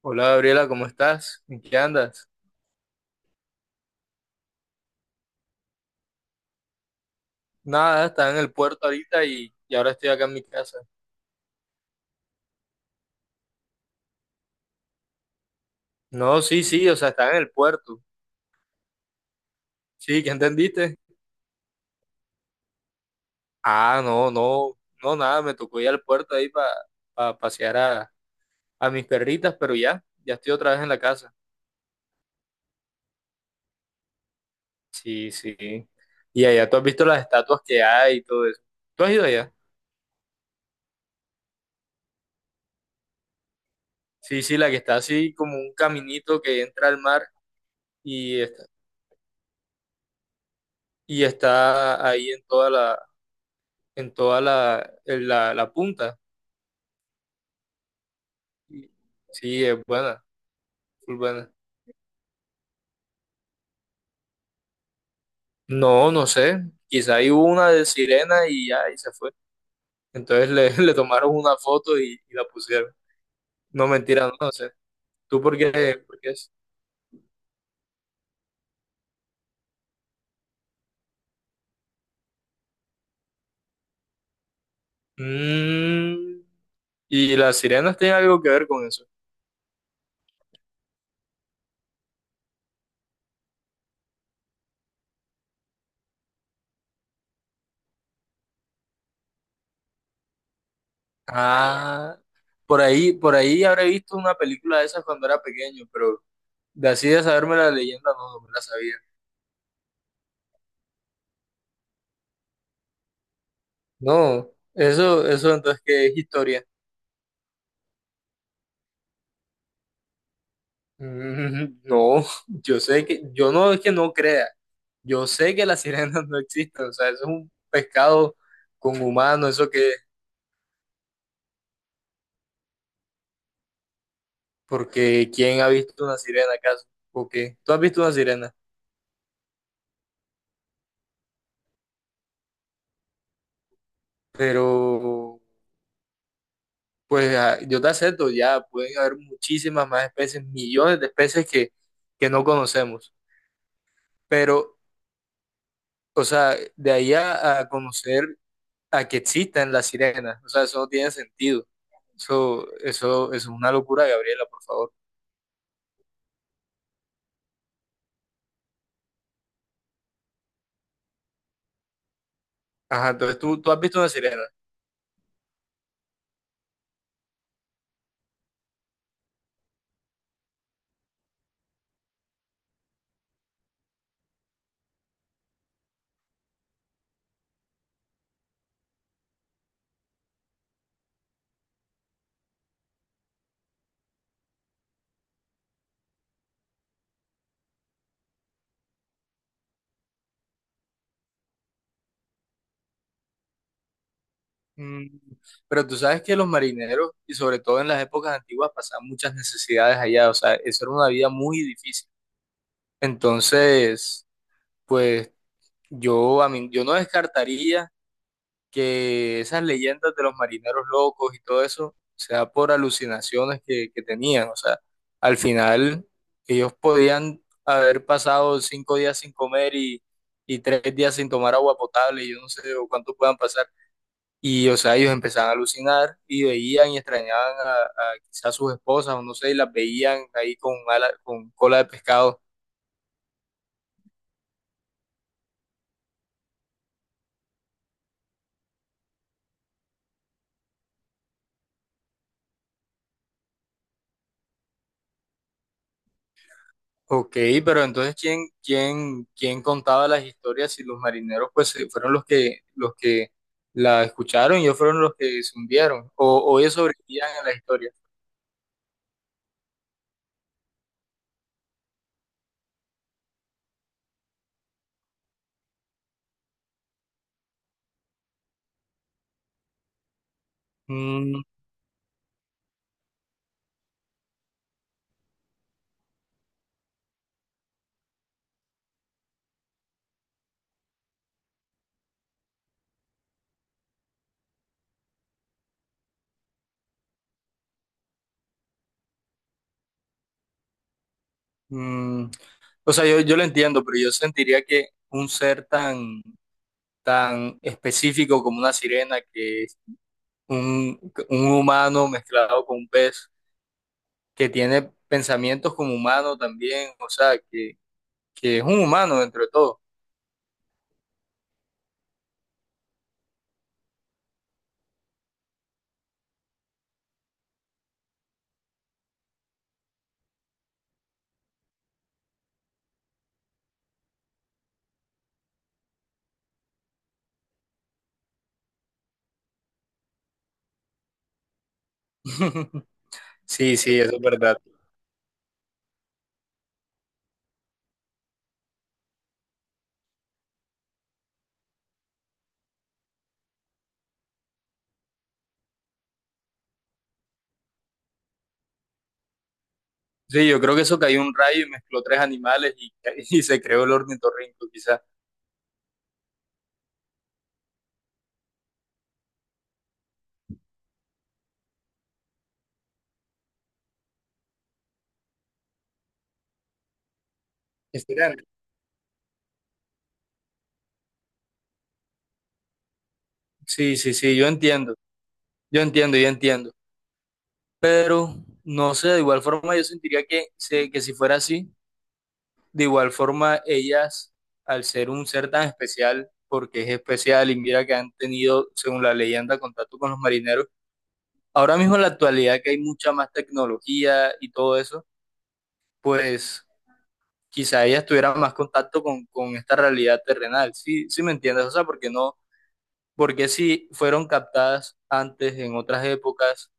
Hola Gabriela, ¿cómo estás? ¿En qué andas? Nada, estaba en el puerto ahorita y ahora estoy acá en mi casa. No, sí, sí, o sea, estaba en el puerto. Sí, ¿qué entendiste? Ah, no, no, no, nada, me tocó ir al puerto ahí para pasear a mis perritas, pero ya, ya estoy otra vez en la casa. Sí, sí. Y allá tú has visto las estatuas que hay y todo eso. ¿Tú has ido allá? Sí, sí, la que está así como un caminito que entra al mar y está, y está ahí en toda la, en la punta. Sí, es buena, full buena. No, no sé. Quizá hay una de sirena y ya, y se fue. Entonces le, le tomaron una foto y la pusieron. No, mentira, no, no sé. ¿Tú por qué? ¿Por qué es? Mm, ¿Y las sirenas tienen algo que ver con eso? Ah, por ahí habré visto una película de esas cuando era pequeño, pero de así de saberme la leyenda no, no me la sabía. No, eso entonces que es historia. No, yo sé que, yo no es que no crea, yo sé que las sirenas no existen, o sea, eso es un pescado con humano, eso que, porque ¿quién ha visto una sirena acaso? ¿O qué? Tú has visto una sirena. Pero pues yo te acepto, ya pueden haber muchísimas más especies, millones de especies que no conocemos, pero, o sea, de ahí a conocer a que existan las sirenas. O sea, eso no tiene sentido. Eso es una locura, Gabriela, por favor. Ajá, entonces tú has visto una sirena. Mm, Pero tú sabes que los marineros, y sobre todo en las épocas antiguas, pasaban muchas necesidades allá. O sea, eso era una vida muy difícil. Entonces, pues yo, a mí, yo no descartaría que esas leyendas de los marineros locos y todo eso sea por alucinaciones que tenían. O sea, al final ellos podían haber pasado 5 días sin comer y 3 días sin tomar agua potable, y yo no sé o cuánto puedan pasar. Y, o sea, ellos empezaban a alucinar y veían y extrañaban a quizás sus esposas o no sé, y las veían ahí con cola de pescado. Ok, pero entonces ¿quién contaba las historias si los marineros pues fueron los que la escucharon y ellos fueron los que se hundieron o ellos sobrevivían en la historia? Mm, mm, o sea, yo lo entiendo, pero yo sentiría que un ser tan, tan específico como una sirena, que es un, un humano mezclado con un pez, que tiene pensamientos como humano también, o sea, que es un humano dentro de todo. Sí, sí, eso es verdad. Sí, yo creo que eso cayó un rayo y mezcló tres animales y, y se creó el ornitorrinco, quizá. Quizás. Sí, sí, sí, yo entiendo, yo entiendo, yo entiendo. Pero, no sé, de igual forma yo sentiría que si fuera así, de igual forma ellas, al ser un ser tan especial, porque es especial y mira que han tenido, según la leyenda, contacto con los marineros, ahora mismo en la actualidad que hay mucha más tecnología y todo eso, pues quizá ellas tuvieran más contacto con esta realidad terrenal. Sí, sí me entiendes, o sea, porque no, porque si fueron captadas antes en otras épocas,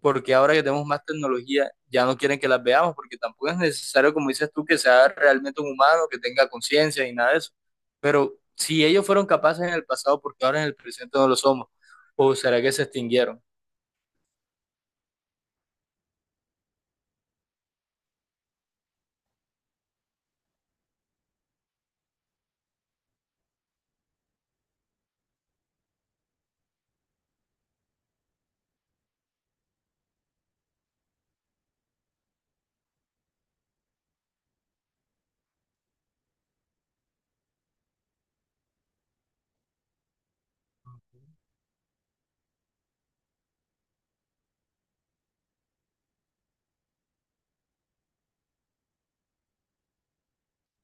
porque ahora que tenemos más tecnología ya no quieren que las veamos, porque tampoco es necesario, como dices tú, que sea realmente un humano, que tenga conciencia y nada de eso. ¿Pero si ellos fueron capaces en el pasado, porque ahora en el presente no lo somos? ¿O será que se extinguieron?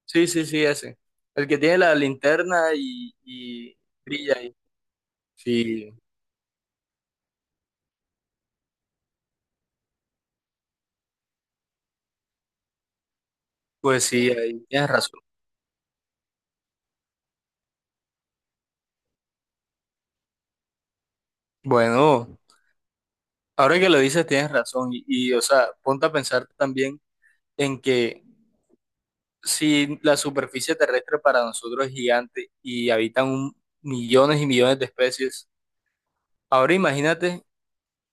Sí, sí, sí, ese. El que tiene la linterna y brilla ahí. Sí, pues sí, ahí tienes razón. Bueno, ahora que lo dices tienes razón y, o sea, ponte a pensar también en que si la superficie terrestre para nosotros es gigante y habitan millones y millones de especies, ahora imagínate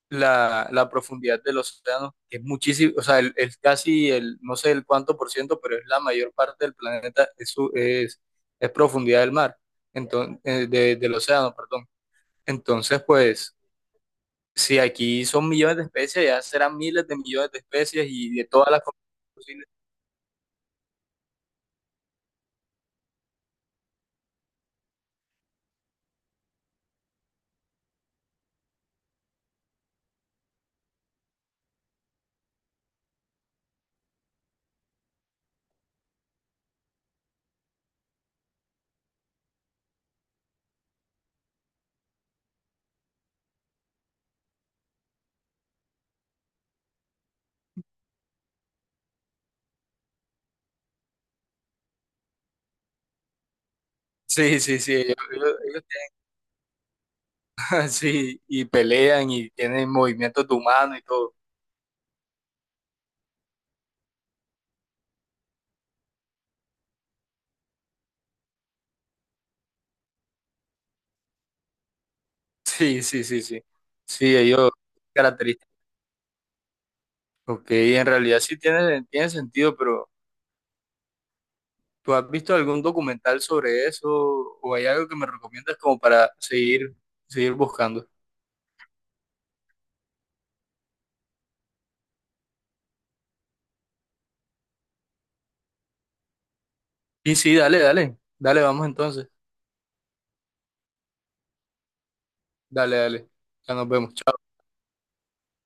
la profundidad del océano, que es muchísimo, o sea, el casi el, no sé el cuánto por ciento, pero es la mayor parte del planeta, es profundidad del mar, entonces, del océano, perdón. Entonces, pues... Sí, aquí son millones de especies, ya serán miles de millones de especies y de todas las combinaciones posibles. Sí, sí, sí, ellos tienen- sí, y pelean y tienen movimientos de humano y todo. Sí, sí, sí, sí. Sí, ellos características. Ok, en realidad sí tiene sentido, pero ¿tú has visto algún documental sobre eso o hay algo que me recomiendas como para seguir buscando? Y sí, dale, dale, dale, vamos entonces. Dale, dale. Ya nos vemos.